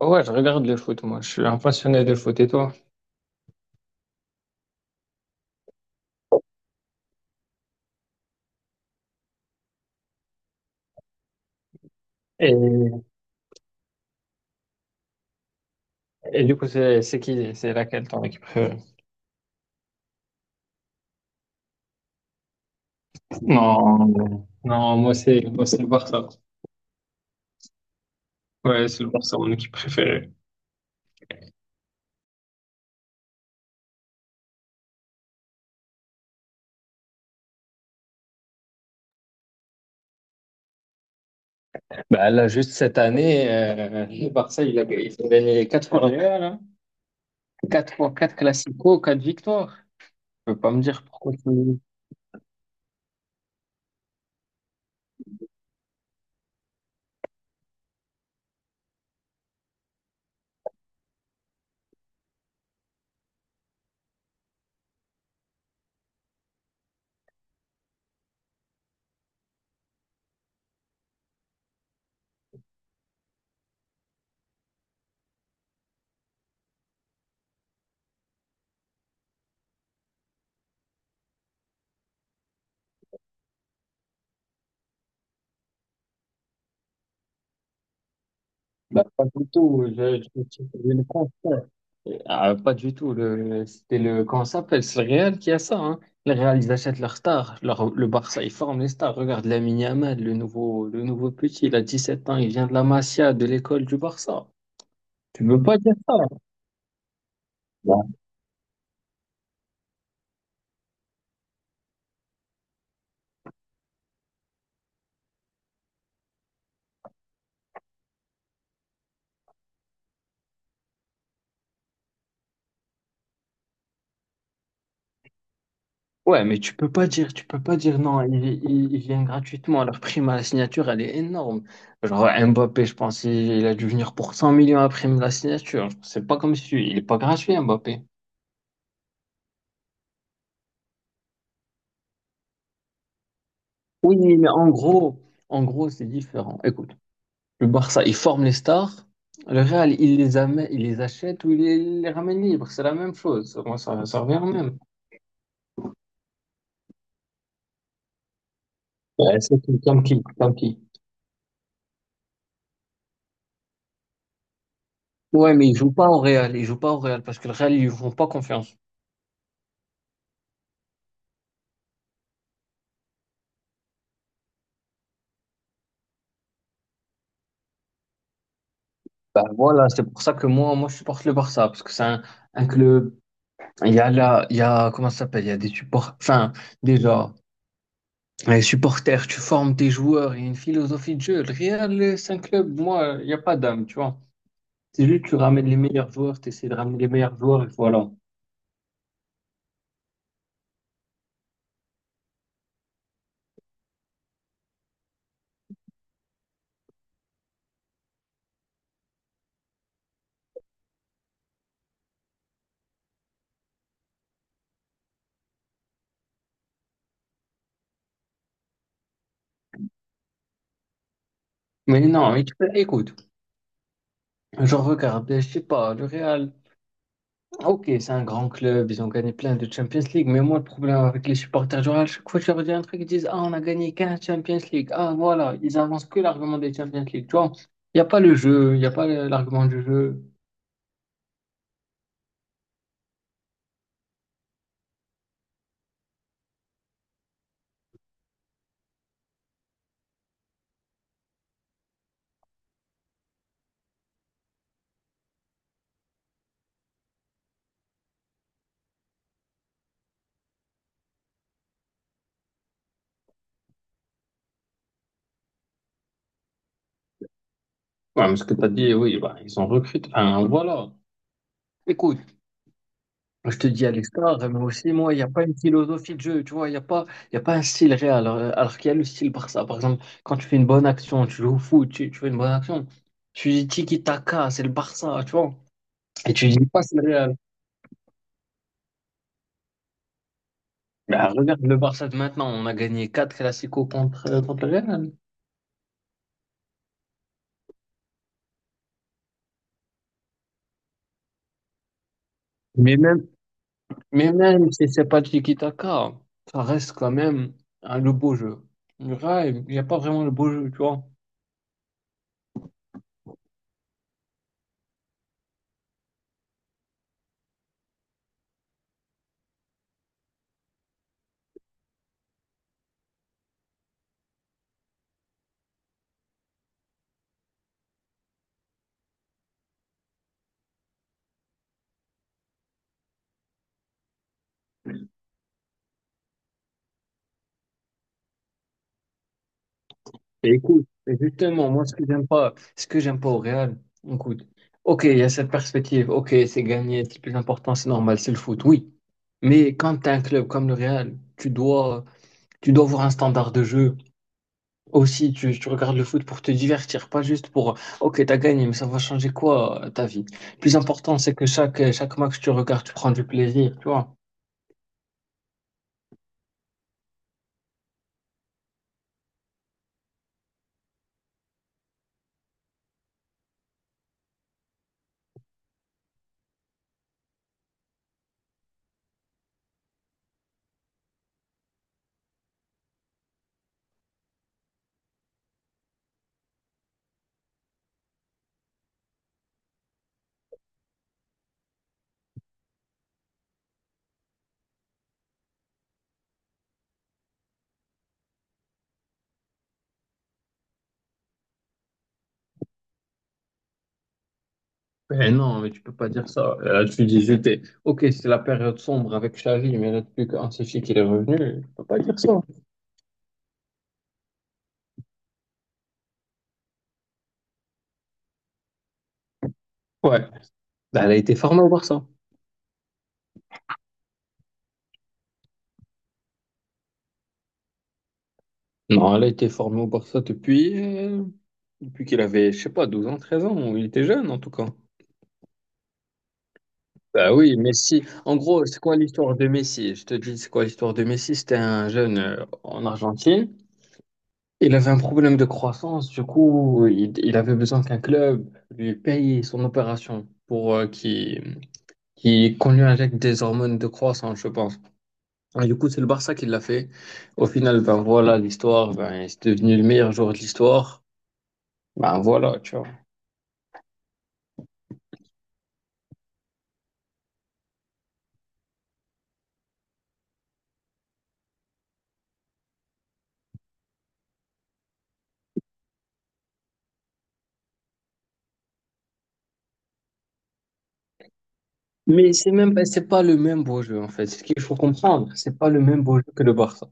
Ouais, je regarde le foot, moi. Je suis un passionné de foot et toi? Et, et du coup, c'est qui? C'est laquelle ton équipe préférée? Non, non. Moi, c'est le Barça. Ouais, c'est le Barça, mon équipe préférée. Bah, là, juste cette année, le Barça, il a gagné 4 fois le Real, hein. Quatre fois quatre Classico, 4 victoires. Tu peux pas me dire pourquoi tu... Bah, pas du tout. Je le prends. Ah, pas du tout. C'était le, comment ça s'appelle? C'est le Real qui a ça, hein. Le Real, ils achètent leurs stars. Le Barça, ils forment les stars. Regarde Lamine Yamal, le nouveau petit, il a 17 ans, il vient de la Masia, de l'école du Barça. Tu peux pas dire ça. Ouais, Ouais, mais tu peux pas dire, tu peux pas dire non, ils viennent gratuitement. Leur prime à la signature, elle est énorme. Genre Mbappé, je pense, il a dû venir pour 100 millions à prime de la signature. C'est pas comme si, il est pas gratuit, Mbappé. Oui, mais en gros, c'est différent. Écoute. Le Barça, il forme les stars. Le Real, il les amène, il les achète ou il les ramène libres. C'est la même chose. Moi, ça revient au même. Ouais, c'est tout, comme qui, comme qui. Ouais, mais ils jouent pas au Real, ils jouent pas au Real parce que le Real, ils lui font pas confiance. Bah, voilà, c'est pour ça que moi, je supporte le Barça parce que c'est un club. Il y a là, il y a, comment ça s'appelle? Il y a des supports, enfin, déjà, les supporters, tu formes tes joueurs, il y a une philosophie de jeu. Le Real, c'est un club, moi, il n'y a pas d'âme, tu vois. C'est juste, tu ramènes les meilleurs joueurs, tu essaies de ramener les meilleurs joueurs et voilà. Mais non, mais écoute, je regarde, je sais pas, le Real, ok, c'est un grand club, ils ont gagné plein de Champions League, mais moi, le problème avec les supporters du Real, chaque fois que je leur dis un truc, ils disent, ah, on a gagné 15 Champions League, ah, voilà, ils avancent que l'argument des Champions League, tu vois, il n'y a pas le jeu, il n'y a pas l'argument du jeu. Ouais, mais ce que tu as dit, oui, bah, ils ont recruté, enfin, voilà. Écoute, je te dis, Alistar, mais aussi, moi, il n'y a pas une philosophie de jeu, tu vois, il n'y a pas, il y a pas un style réel, alors qu'il y a le style Barça. Par exemple, quand tu fais une bonne action, tu joues au foot, tu fais une bonne action, tu dis tiki-taka, c'est le Barça, tu vois, et tu dis pas c'est le Real. Bah, regarde le Barça de maintenant, on a gagné 4 Clasico contre le Real. Mais même, mais même si c'est pas tiki-taka, ça reste quand même, hein, le beau jeu. Le Real, il n'y a pas vraiment le beau jeu, tu vois. Et écoute, et justement, moi, ce que j'aime pas au Real, écoute, ok, il y a cette perspective, ok, c'est gagné, c'est le plus important, c'est normal, c'est le foot, oui. Mais quand tu as un club comme le Real, tu dois avoir un standard de jeu. Aussi, tu regardes le foot pour te divertir, pas juste pour, ok, t'as gagné, mais ça va changer quoi ta vie? Le plus important, c'est que chaque match que tu regardes, tu prends du plaisir, tu vois. Eh non, mais tu peux pas dire ça. Là, tu dis, j'étais. Ok, c'est la période sombre avec Xavi, mais là, depuis qu'Ancelotti qu'il est revenu, tu peux pas dire ça. Ouais. Ben, elle a été formée au Barça. Non, elle a été formée au Barça depuis qu'il avait, je sais pas, 12 ans, 13 ans, ou il était jeune en tout cas. Bah oui, Messi. En gros, c'est quoi l'histoire de Messi? Je te dis, c'est quoi l'histoire de Messi? C'était un jeune en Argentine. Il avait un problème de croissance, du coup, il avait besoin qu'un club lui paye son opération pour qu'il qui est connu avec des hormones de croissance, je pense. Et du coup, c'est le Barça qui l'a fait. Au final, ben voilà, l'histoire, ben, c'est devenu le meilleur joueur de l'histoire. Ben voilà, tu vois. Mais c'est pas le même beau jeu, en fait. C'est ce qu'il faut comprendre. C'est pas le même beau jeu que le Barça.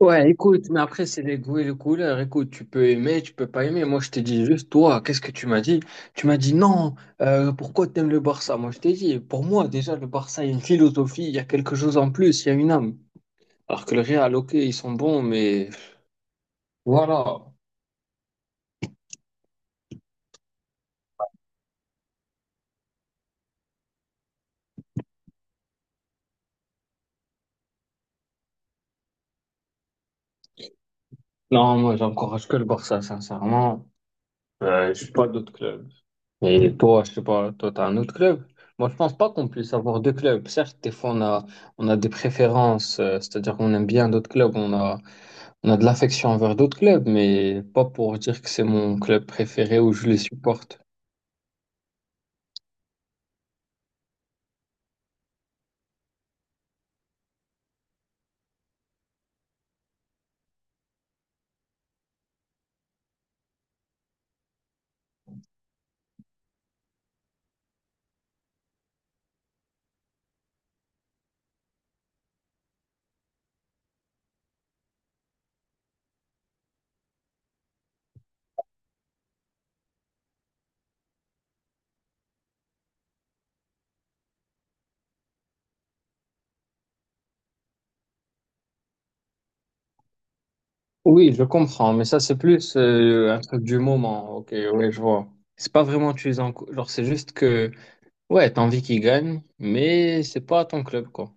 Ouais, écoute, mais après, c'est les goûts et les couleurs. Écoute, tu peux aimer, tu peux pas aimer. Moi, je t'ai dit juste, toi, qu'est-ce que tu m'as dit? Tu m'as dit non, pourquoi t'aimes le Barça? Moi, je t'ai dit, pour moi, déjà, le Barça, il y a une philosophie, il y a quelque chose en plus, il y a une âme. Alors que le Real, ok, ils sont bons, mais voilà. Non, moi, j'encourage que le Barça, sincèrement. Je suis pas d'autres clubs. Et toi, je sais pas, toi, t'as un autre club? Moi, je pense pas qu'on puisse avoir deux clubs. Certes, des fois, on a, on a, des préférences, c'est-à-dire qu'on aime bien d'autres clubs, on a de l'affection envers d'autres clubs, mais pas pour dire que c'est mon club préféré ou je les supporte. Oui, je comprends, mais ça, c'est plus un truc du moment. Ok, oui, je vois. C'est pas vraiment tu les encourages, genre, c'est juste que Ouais, t'as envie qu'il gagne, mais c'est pas ton club, quoi.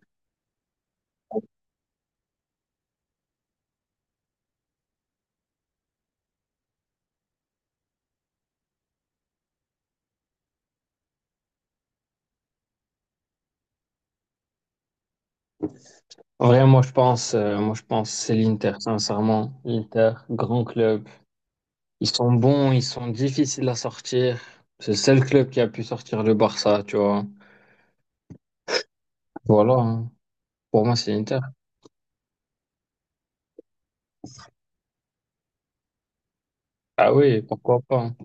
En vrai, moi, je pense, c'est l'Inter, sincèrement. L'Inter, grand club. Ils sont bons, ils sont difficiles à sortir. C'est le seul club qui a pu sortir le Barça, tu vois. Voilà, hein. Pour moi, c'est l'Inter. Ah oui, pourquoi pas, hein.